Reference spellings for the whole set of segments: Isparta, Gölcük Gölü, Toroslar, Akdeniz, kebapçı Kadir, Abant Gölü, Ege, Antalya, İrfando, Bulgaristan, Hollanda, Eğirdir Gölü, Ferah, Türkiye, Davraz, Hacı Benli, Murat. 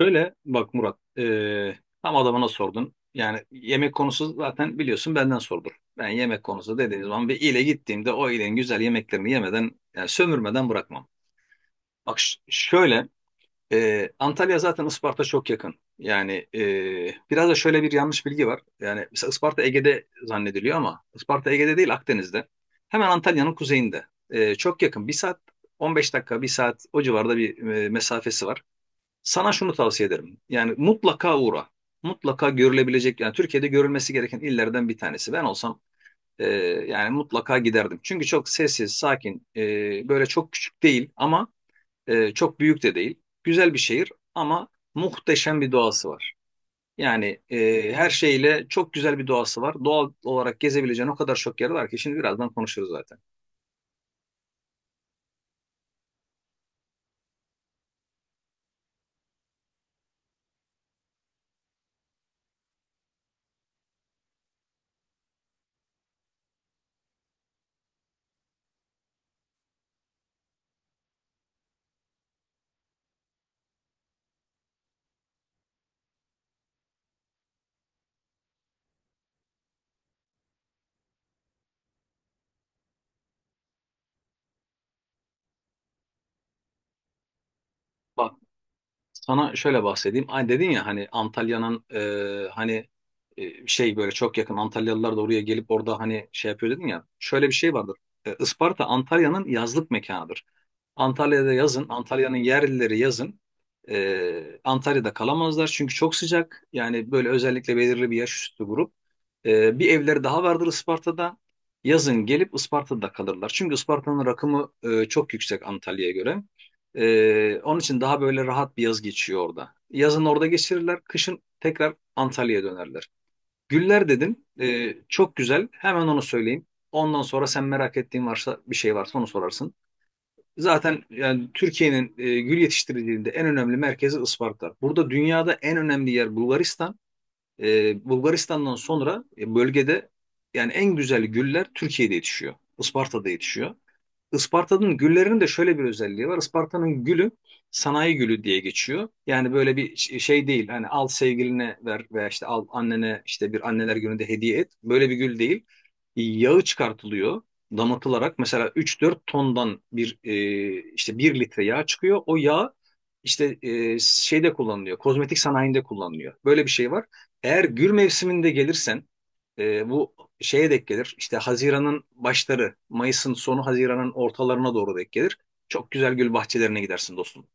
Şöyle bak Murat, tam adamına sordun. Yani yemek konusu zaten biliyorsun benden sordur. Ben yemek konusu dediğiniz zaman bir ile gittiğimde o ilenin güzel yemeklerini yemeden, yani sömürmeden bırakmam. Bak şöyle, Antalya zaten Isparta çok yakın. Yani biraz da şöyle bir yanlış bilgi var. Yani mesela Isparta Ege'de zannediliyor ama Isparta Ege'de değil Akdeniz'de. Hemen Antalya'nın kuzeyinde. Çok yakın. Bir saat 15 dakika, bir saat o civarda bir mesafesi var. Sana şunu tavsiye ederim. Yani mutlaka uğra. Mutlaka görülebilecek yani Türkiye'de görülmesi gereken illerden bir tanesi. Ben olsam e, yani mutlaka giderdim. Çünkü çok sessiz, sakin, böyle çok küçük değil ama çok büyük de değil. Güzel bir şehir ama muhteşem bir doğası var. Yani her şeyle çok güzel bir doğası var. Doğal olarak gezebileceğin o kadar çok yer var ki şimdi birazdan konuşuruz zaten. Bak, sana şöyle bahsedeyim. Ay dedin ya hani Antalya'nın hani şey böyle çok yakın Antalyalılar da oraya gelip orada hani şey yapıyor dedin ya. Şöyle bir şey vardır. Isparta Antalya'nın yazlık mekanıdır. Antalya'da yazın, Antalya'nın yerlileri yazın. Antalya'da kalamazlar çünkü çok sıcak. Yani böyle özellikle belirli bir yaş üstü grup. Bir evleri daha vardır Isparta'da. Yazın gelip Isparta'da kalırlar. Çünkü Isparta'nın rakımı çok yüksek Antalya'ya göre. Onun için daha böyle rahat bir yaz geçiyor orada. Yazın orada geçirirler, kışın tekrar Antalya'ya dönerler. Güller dedin. Çok güzel. Hemen onu söyleyeyim. Ondan sonra sen merak ettiğin varsa bir şey varsa onu sorarsın. Zaten yani Türkiye'nin gül yetiştiriciliğinde en önemli merkezi Isparta. Burada dünyada en önemli yer Bulgaristan. Bulgaristan'dan sonra bölgede yani en güzel güller Türkiye'de yetişiyor. Isparta'da yetişiyor. Isparta'nın güllerinin de şöyle bir özelliği var. Isparta'nın gülü sanayi gülü diye geçiyor. Yani böyle bir şey değil. Hani al sevgiline ver veya işte al annene işte bir anneler gününde hediye et. Böyle bir gül değil. Yağı çıkartılıyor damatılarak. Mesela 3-4 tondan bir işte bir litre yağ çıkıyor. O yağ işte şeyde kullanılıyor. Kozmetik sanayinde kullanılıyor. Böyle bir şey var. Eğer gül mevsiminde gelirsen bu şeye denk gelir. İşte Haziran'ın başları, Mayıs'ın sonu, Haziran'ın ortalarına doğru denk gelir. Çok güzel gül bahçelerine gidersin dostum.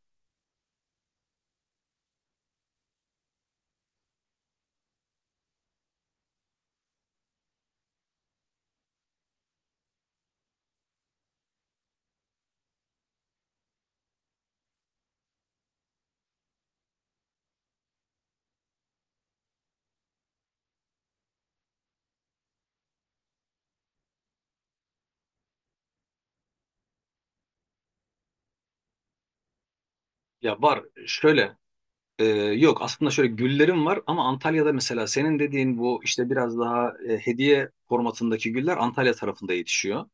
Ya var şöyle yok aslında şöyle güllerim var ama Antalya'da mesela senin dediğin bu işte biraz daha hediye formatındaki güller Antalya tarafında yetişiyor.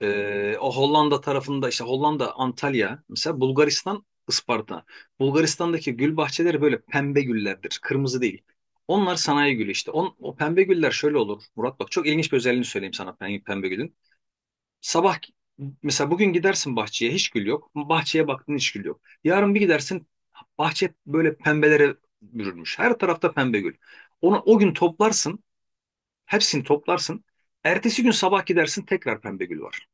O Hollanda tarafında işte Hollanda, Antalya, mesela Bulgaristan, Isparta. Bulgaristan'daki gül bahçeleri böyle pembe güllerdir, kırmızı değil. Onlar sanayi gülü işte. O pembe güller şöyle olur Murat, bak çok ilginç bir özelliğini söyleyeyim sana pembe, pembe gülün. Sabah mesela bugün gidersin bahçeye hiç gül yok. Bahçeye baktın hiç gül yok. Yarın bir gidersin bahçe böyle pembelere bürünmüş. Her tarafta pembe gül. Onu o gün toplarsın, hepsini toplarsın. Ertesi gün sabah gidersin tekrar pembe gül var.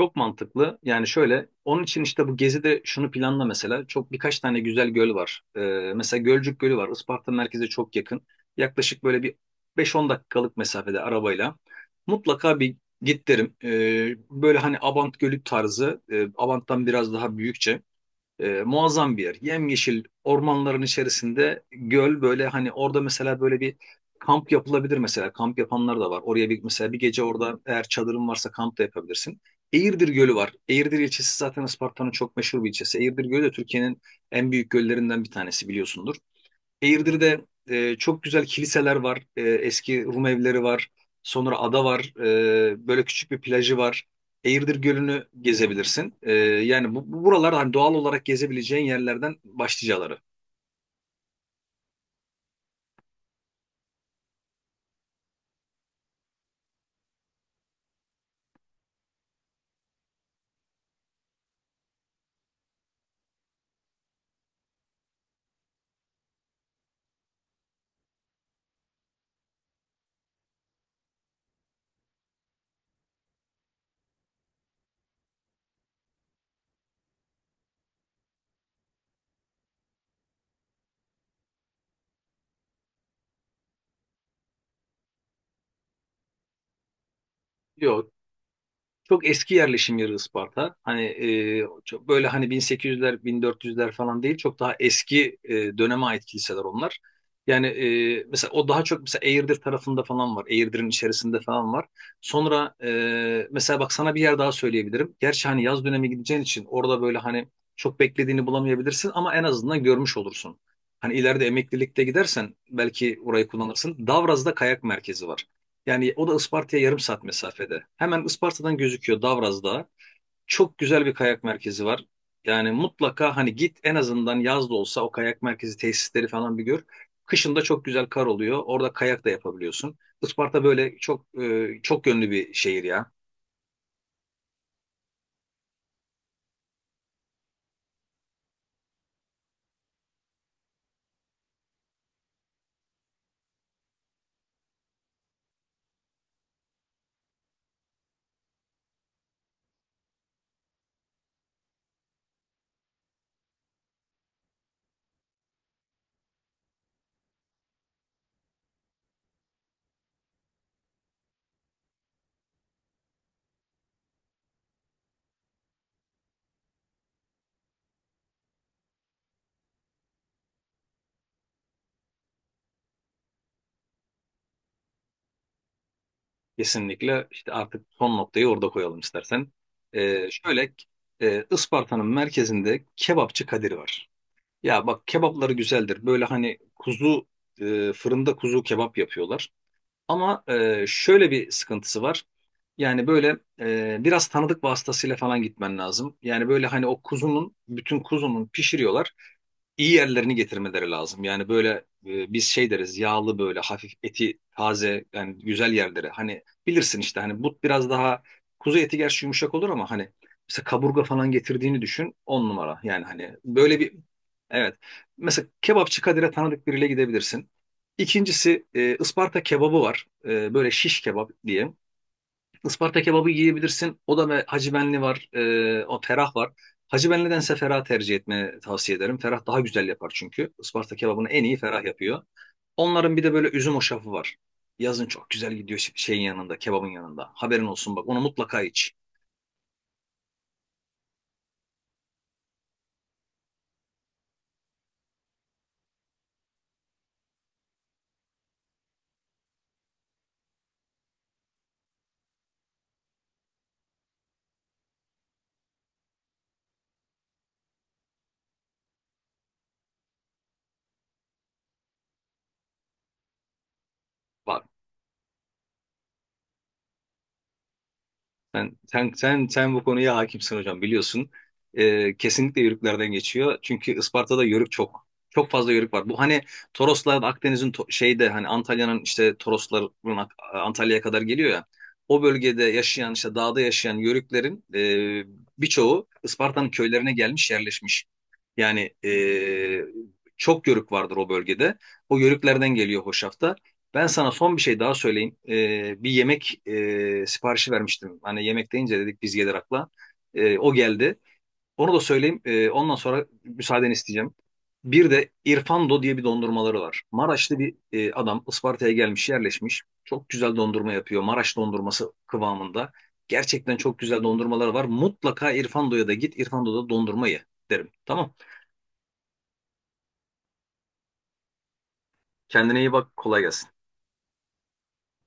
Çok mantıklı. Yani şöyle, onun için işte bu gezide şunu planla mesela. Çok birkaç tane güzel göl var. Mesela Gölcük Gölü var. Isparta merkeze çok yakın. Yaklaşık böyle bir 5-10 dakikalık mesafede arabayla. Mutlaka bir git derim. Böyle hani Abant Gölü tarzı, Abant'tan biraz daha büyükçe. Muazzam bir yer. Yemyeşil ormanların içerisinde göl böyle hani orada mesela böyle bir kamp yapılabilir mesela. Kamp yapanlar da var. Oraya bir mesela bir gece orada eğer çadırın varsa kamp da yapabilirsin. Eğirdir Gölü var. Eğirdir ilçesi zaten Isparta'nın çok meşhur bir ilçesi. Eğirdir Gölü de Türkiye'nin en büyük göllerinden bir tanesi biliyorsundur. Eğirdir'de çok güzel kiliseler var. Eski Rum evleri var. Sonra ada var. Böyle küçük bir plajı var. Eğirdir Gölü'nü gezebilirsin. Yani bu buralar hani doğal olarak gezebileceğin yerlerden başlıcaları. Yok. Çok eski yerleşim yeri Isparta. Hani çok böyle hani 1800'ler, 1400'ler falan değil. Çok daha eski döneme ait kiliseler onlar. Yani mesela o daha çok mesela Eğirdir tarafında falan var. Eğirdir'in içerisinde falan var. Sonra mesela bak sana bir yer daha söyleyebilirim. Gerçi hani yaz dönemi gideceğin için orada böyle hani çok beklediğini bulamayabilirsin ama en azından görmüş olursun. Hani ileride emeklilikte gidersen belki orayı kullanırsın. Davraz'da kayak merkezi var. Yani o da Isparta'ya yarım saat mesafede. Hemen Isparta'dan gözüküyor Davraz Dağı. Çok güzel bir kayak merkezi var. Yani mutlaka hani git en azından yaz da olsa o kayak merkezi tesisleri falan bir gör. Kışın da çok güzel kar oluyor. Orada kayak da yapabiliyorsun. Isparta böyle çok çok yönlü bir şehir ya. Kesinlikle işte artık son noktayı orada koyalım istersen. Şöyle Isparta'nın merkezinde kebapçı Kadir var. Ya bak kebapları güzeldir. Böyle hani kuzu fırında kuzu kebap yapıyorlar. Ama şöyle bir sıkıntısı var. Yani böyle biraz tanıdık vasıtasıyla falan gitmen lazım. Yani böyle hani o kuzunun, bütün kuzunun pişiriyorlar. İyi yerlerini getirmeleri lazım. Yani böyle biz şey deriz yağlı böyle hafif eti taze yani güzel yerleri. Hani bilirsin işte hani but biraz daha kuzu eti gerçi yumuşak olur ama hani mesela kaburga falan getirdiğini düşün on numara. Yani hani böyle bir evet. Mesela kebapçı Kadir'e tanıdık biriyle gidebilirsin. İkincisi Isparta kebabı var. Böyle şiş kebap diye. Isparta kebabı yiyebilirsin. O da ve Hacı Benli var. O Ferah var. Hacı Benli'dense Ferah tercih etmeni tavsiye ederim. Ferah daha güzel yapar çünkü. Isparta kebabını en iyi Ferah yapıyor. Onların bir de böyle üzüm hoşafı var. Yazın çok güzel gidiyor şeyin yanında, kebabın yanında. Haberin olsun bak onu mutlaka iç. Bak, sen bu konuya hakimsin hocam biliyorsun. Kesinlikle yörüklerden geçiyor. Çünkü Isparta'da yörük çok. Çok fazla yörük var. Bu hani Toroslar Akdeniz'in şeyde hani Antalya'nın işte Torosların Antalya'ya kadar geliyor ya. O bölgede yaşayan işte dağda yaşayan yörüklerin birçoğu Isparta'nın köylerine gelmiş yerleşmiş. Yani çok yörük vardır o bölgede. O yörüklerden geliyor hoşafta. Ben sana son bir şey daha söyleyeyim. Bir yemek siparişi vermiştim. Hani yemek deyince dedik biz gelir akla. O geldi. Onu da söyleyeyim. Ondan sonra müsaadeni isteyeceğim. Bir de İrfando diye bir dondurmaları var. Maraşlı bir adam Isparta'ya gelmiş, yerleşmiş. Çok güzel dondurma yapıyor. Maraş dondurması kıvamında. Gerçekten çok güzel dondurmaları var. Mutlaka İrfando'ya da git. İrfando'da dondurma ye derim. Tamam. Kendine iyi bak. Kolay gelsin.